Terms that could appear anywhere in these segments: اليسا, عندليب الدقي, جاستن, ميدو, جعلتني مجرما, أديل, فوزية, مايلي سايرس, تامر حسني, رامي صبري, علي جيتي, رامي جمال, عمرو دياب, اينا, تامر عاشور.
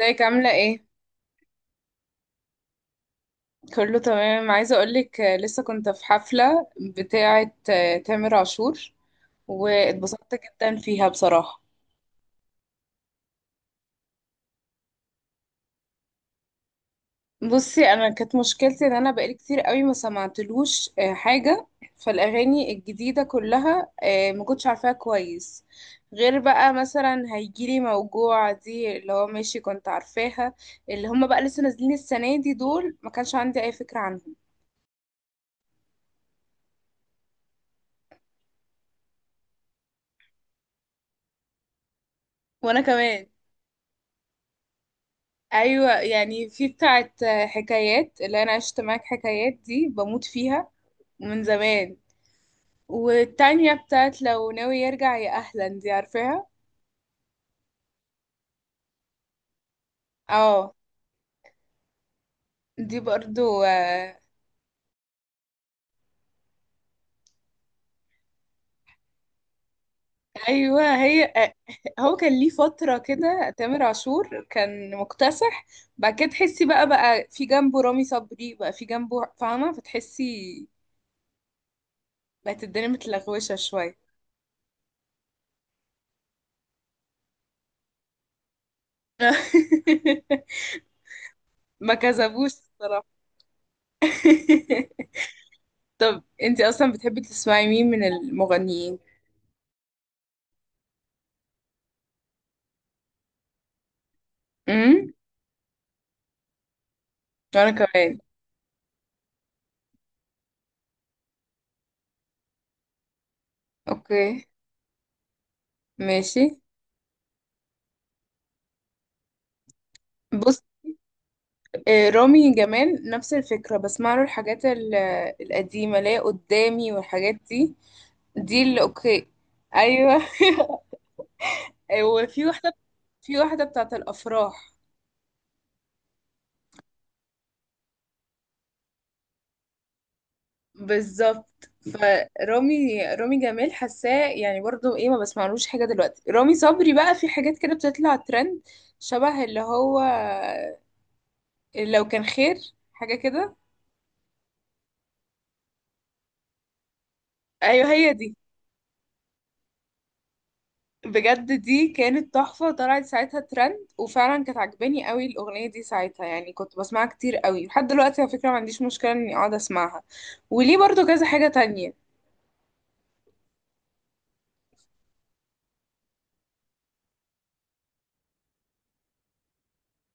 ازيك عاملة ايه؟ كله تمام. عايزة اقولك، لسه كنت في حفلة بتاعة تامر عاشور، واتبسطت جدا فيها بصراحة. بصي، انا كانت مشكلتي ان انا بقالي كتير قوي ما سمعتلوش حاجة، فالاغاني الجديدة كلها ما كنتش عارفاها كويس. غير بقى، مثلا هيجيلي موجوع دي اللي هو ماشي كنت عارفاها. اللي هما بقى لسه نازلين السنة دي دول، ما كانش عندي اي فكرة عنهم. وانا كمان. ايوه، يعني في بتاعت حكايات اللي انا عشت معاك. حكايات دي بموت فيها من زمان. والتانية بتاعت لو ناوي يرجع يا اهلا دي عارفاها. اه. دي برضو. ايوه، هي هو كان ليه فترة كده تامر عاشور كان مكتسح. بعد كده تحسي بقى في جنبه رامي صبري، بقى في جنبه، فاهمة؟ فتحسي بقت الدنيا متلغوشة شوية. ما كذبوش الصراحة. طب انت اصلا بتحبي تسمعي مين من المغنيين؟ امم وانا كمان. اوكي، ماشي. بص، رامي جمال نفس الفكرة، بسمع له الحاجات القديمة اللي هي قدامي والحاجات دي. دي اللي اوكي. ايوه. وفي واحدة بتاعت الافراح. بالظبط. فرامي جمال حاساه، يعني برضو ايه، ما بسمعلوش حاجة دلوقتي. رامي صبري بقى في حاجات كده بتطلع ترند، شبه اللي هو لو كان خير، حاجة كده. ايوه هي دي. بجد دي كانت تحفة، طلعت ساعتها ترند وفعلا كانت عجباني قوي الأغنية دي ساعتها. يعني كنت بسمعها كتير قوي لحد دلوقتي. على فكرة ما عنديش مشكلة اني اقعد اسمعها، وليه برضو كذا حاجة تانية.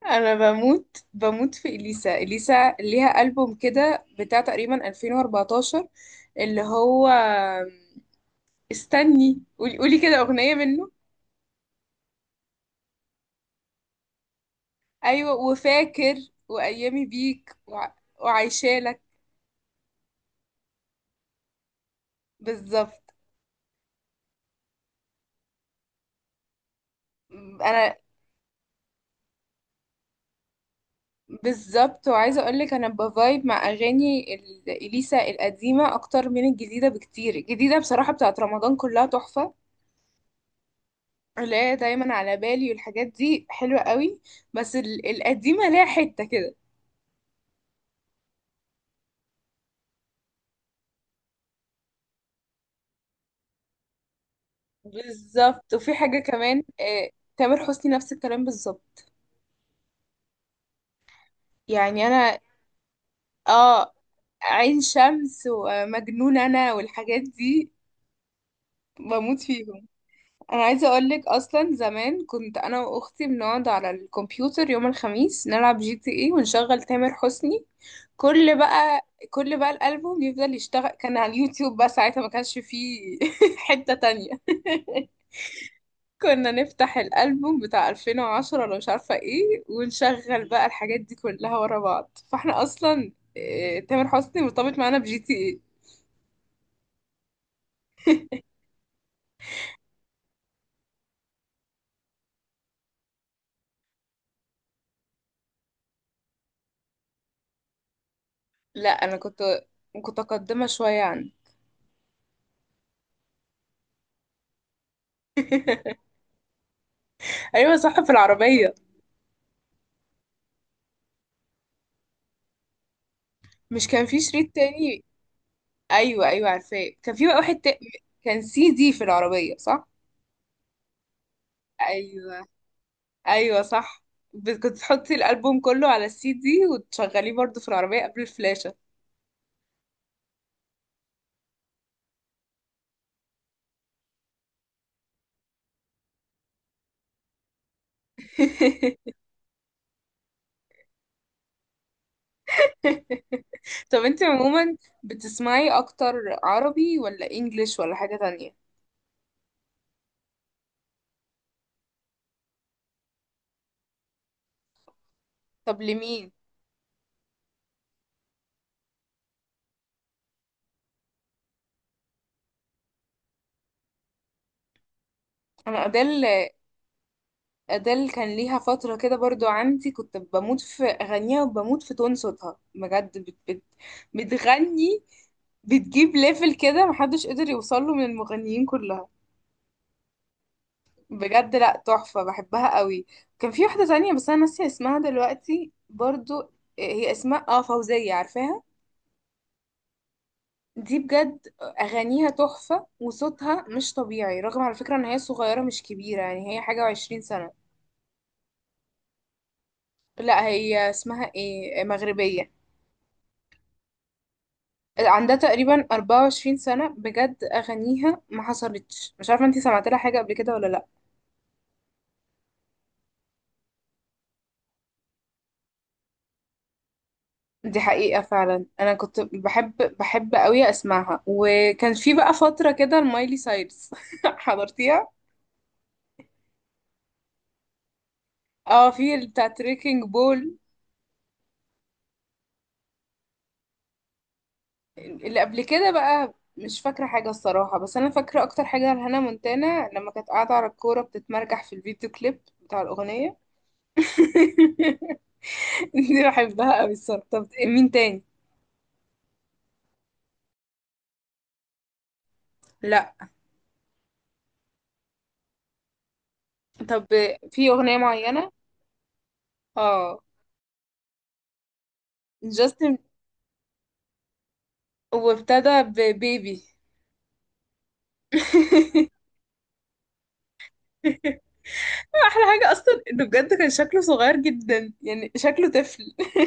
انا بموت في اليسا. اليسا ليها ألبوم كده بتاع تقريبا 2014، اللي هو... استني، قولي كده أغنية منه. ايوه، وفاكر، وايامي بيك وعايشالك. بالظبط. انا بالظبط، وعايزه اقول لك انا بفايب مع اغاني اليسا القديمه اكتر من الجديده بكتير. الجديده بصراحه بتاعت رمضان كلها تحفه، اللي هي دايما على بالي والحاجات دي حلوه قوي. بس القديمه ليها حته كده. بالظبط. وفي حاجه كمان، تامر حسني نفس الكلام بالظبط، يعني انا... اه، عين شمس ومجنون انا والحاجات دي، بموت فيهم. انا عايزه اقول لك اصلا زمان كنت انا واختي بنقعد على الكمبيوتر يوم الخميس نلعب جي تي اي ونشغل تامر حسني. كل بقى الالبوم يفضل يشتغل. كان على اليوتيوب بقى ساعتها، ما كانش فيه حته تانية كنا نفتح الالبوم بتاع 2010 ولا مش عارفه ايه، ونشغل بقى الحاجات دي كلها ورا بعض. فاحنا اصلا تامر حسني مرتبط معانا بجي تي اي. لا انا كنت متقدمه شويه عنه. ايوه صح، في العربيه. مش كان في شريط تاني؟ ايوه ايوه عارفاه، كان في بقى واحد. كان سي دي في العربيه، صح؟ ايوه ايوه صح. كنت تحطي الالبوم كله على السي دي وتشغليه برضه في العربيه قبل الفلاشه. طب انت عموما بتسمعي اكتر عربي ولا انجليش ولا حاجه تانية؟ طب لمين؟ انا ادل. أديل كان ليها فترة كده برضو عندي، كنت بموت في أغانيها وبموت في تون صوتها بجد. بت بت بتغني، بتجيب ليفل كده محدش قدر يوصله من المغنيين كلها. بجد لأ، تحفة بحبها قوي. كان في واحدة تانية بس أنا ناسية اسمها دلوقتي برضو. هي اسمها فوزية، عارفاها؟ دي بجد أغانيها تحفة وصوتها مش طبيعي، رغم على فكرة إن هي صغيرة مش كبيرة، يعني هي حاجة وعشرين سنة. لأ، هي اسمها ايه، مغربية. عندها تقريبا 24 سنة. بجد أغانيها ما حصلتش، مش عارفة انتي سمعت لها حاجة قبل كده ولا لأ. دي حقيقة فعلا. أنا كنت بحب قوي أسمعها. وكان في بقى فترة كده المايلي سايرس حضرتيها؟ اه، في بتاع تريكنج بول. اللي قبل كده بقى مش فاكرة حاجة الصراحة، بس أنا فاكرة أكتر حاجة لهانا مونتانا لما كانت قاعدة على الكورة بتتمرجح في الفيديو كليب بتاع الأغنية. دي بحبها قوي الصراحة. طب مين تاني؟ لا. طب في أغنية معينة؟ اه، جاستن، وابتدى ببيبي. احلى حاجة اصلا انه بجد كان شكله صغير جدا، يعني شكله طفل.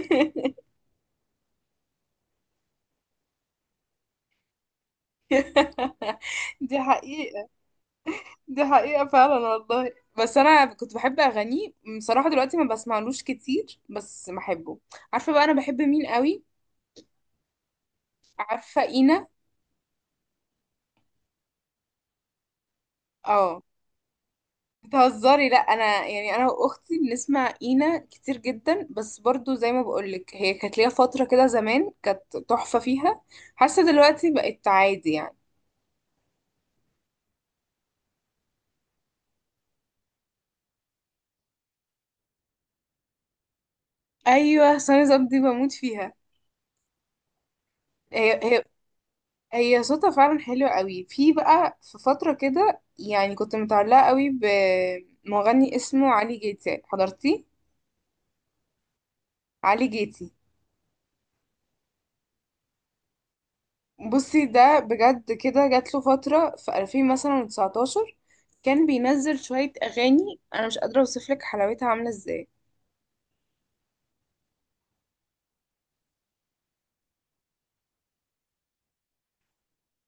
دي حقيقة، دي حقيقة فعلا والله. بس انا كنت بحب اغانيه بصراحة، دلوقتي ما بسمعلوش كتير بس بحبه. عارفة بقى انا بحب مين قوي؟ عارفة اينا؟ اه، بتهزري؟ لا، انا يعني انا واختي بنسمع اينا كتير جدا. بس برضو زي ما بقولك هي كانت ليها فتره كده زمان كانت تحفه فيها. حاسه دلوقتي بقت عادي يعني. ايوه سنه زبدي بموت فيها. هي هي هي صوتها فعلا حلو قوي. في بقى، في فتره كده يعني كنت متعلقه قوي بمغني اسمه علي جيتي، حضرتيه؟ علي جيتي. بصي ده بجد كده جات له فترة في 2000 مثلا 19، كان بينزل شوية أغاني، أنا مش قادرة أوصف لك حلاوتها عاملة إزاي.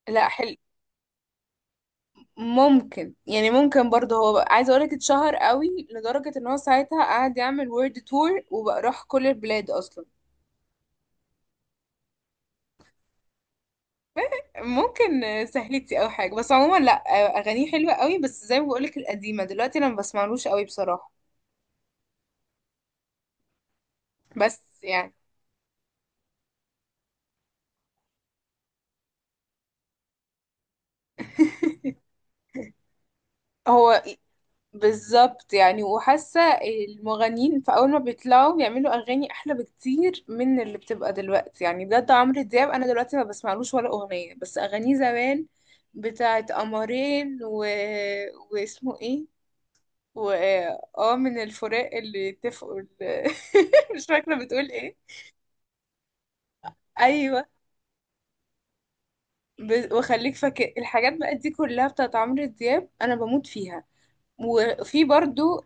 لا، حلو ممكن، يعني ممكن برضه. عايزة أقولك اتشهر قوي لدرجة إن هو ساعتها قعد يعمل وورد تور وبقى راح كل البلاد أصلا. ممكن سهلتي أو حاجة، بس عموما لا. أغانيه حلوة قوي بس زي ما بقولك القديمة، دلوقتي أنا ما بسمعلوش قوي بصراحة. بس يعني هو بالظبط، يعني وحاسة المغنيين في أول ما بيطلعوا بيعملوا أغاني أحلى بكتير من اللي بتبقى دلوقتي. يعني بجد عمرو دياب أنا دلوقتي ما بسمعلوش ولا أغنية، بس أغانيه زمان بتاعت قمرين واسمه إيه، و اه من الفراق اللي اتفقوا مش فاكرة بتقول إيه. أيوة وخليك فاكر الحاجات بقى دي كلها بتاعت عمرو دياب، أنا بموت فيها. وفي برضو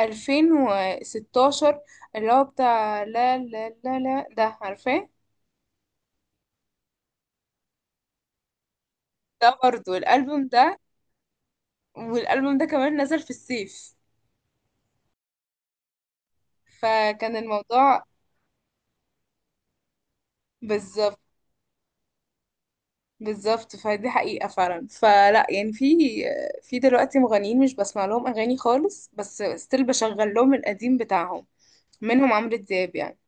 2016 اللي هو بتاع لا لا لا لا ده، عارفاه؟ ده برضه الألبوم ده. والألبوم ده كمان نزل في الصيف، فكان الموضوع. بالظبط، بالظبط. فدي حقيقة فعلا. فلا يعني في، في دلوقتي مغنيين مش بسمع لهم أغاني خالص، بس ستيل بشغل لهم القديم بتاعهم، منهم عمرو دياب يعني.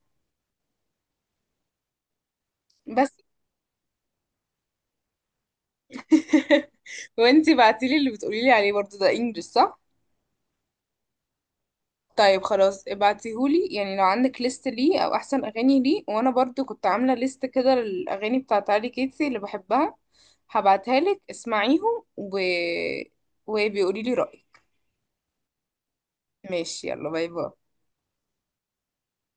بس وانتي بعتيلي اللي بتقوليلي عليه برضه ده انجلش، صح؟ طيب خلاص ابعتيهولي، يعني لو عندك ليست ليه او احسن اغاني ليه. وانا برضو كنت عامله ليست كده للاغاني بتاعت علي كيتسي اللي بحبها، هبعتها لك اسمعيهم وبيقولي لي رايك. ماشي، يلا باي باي.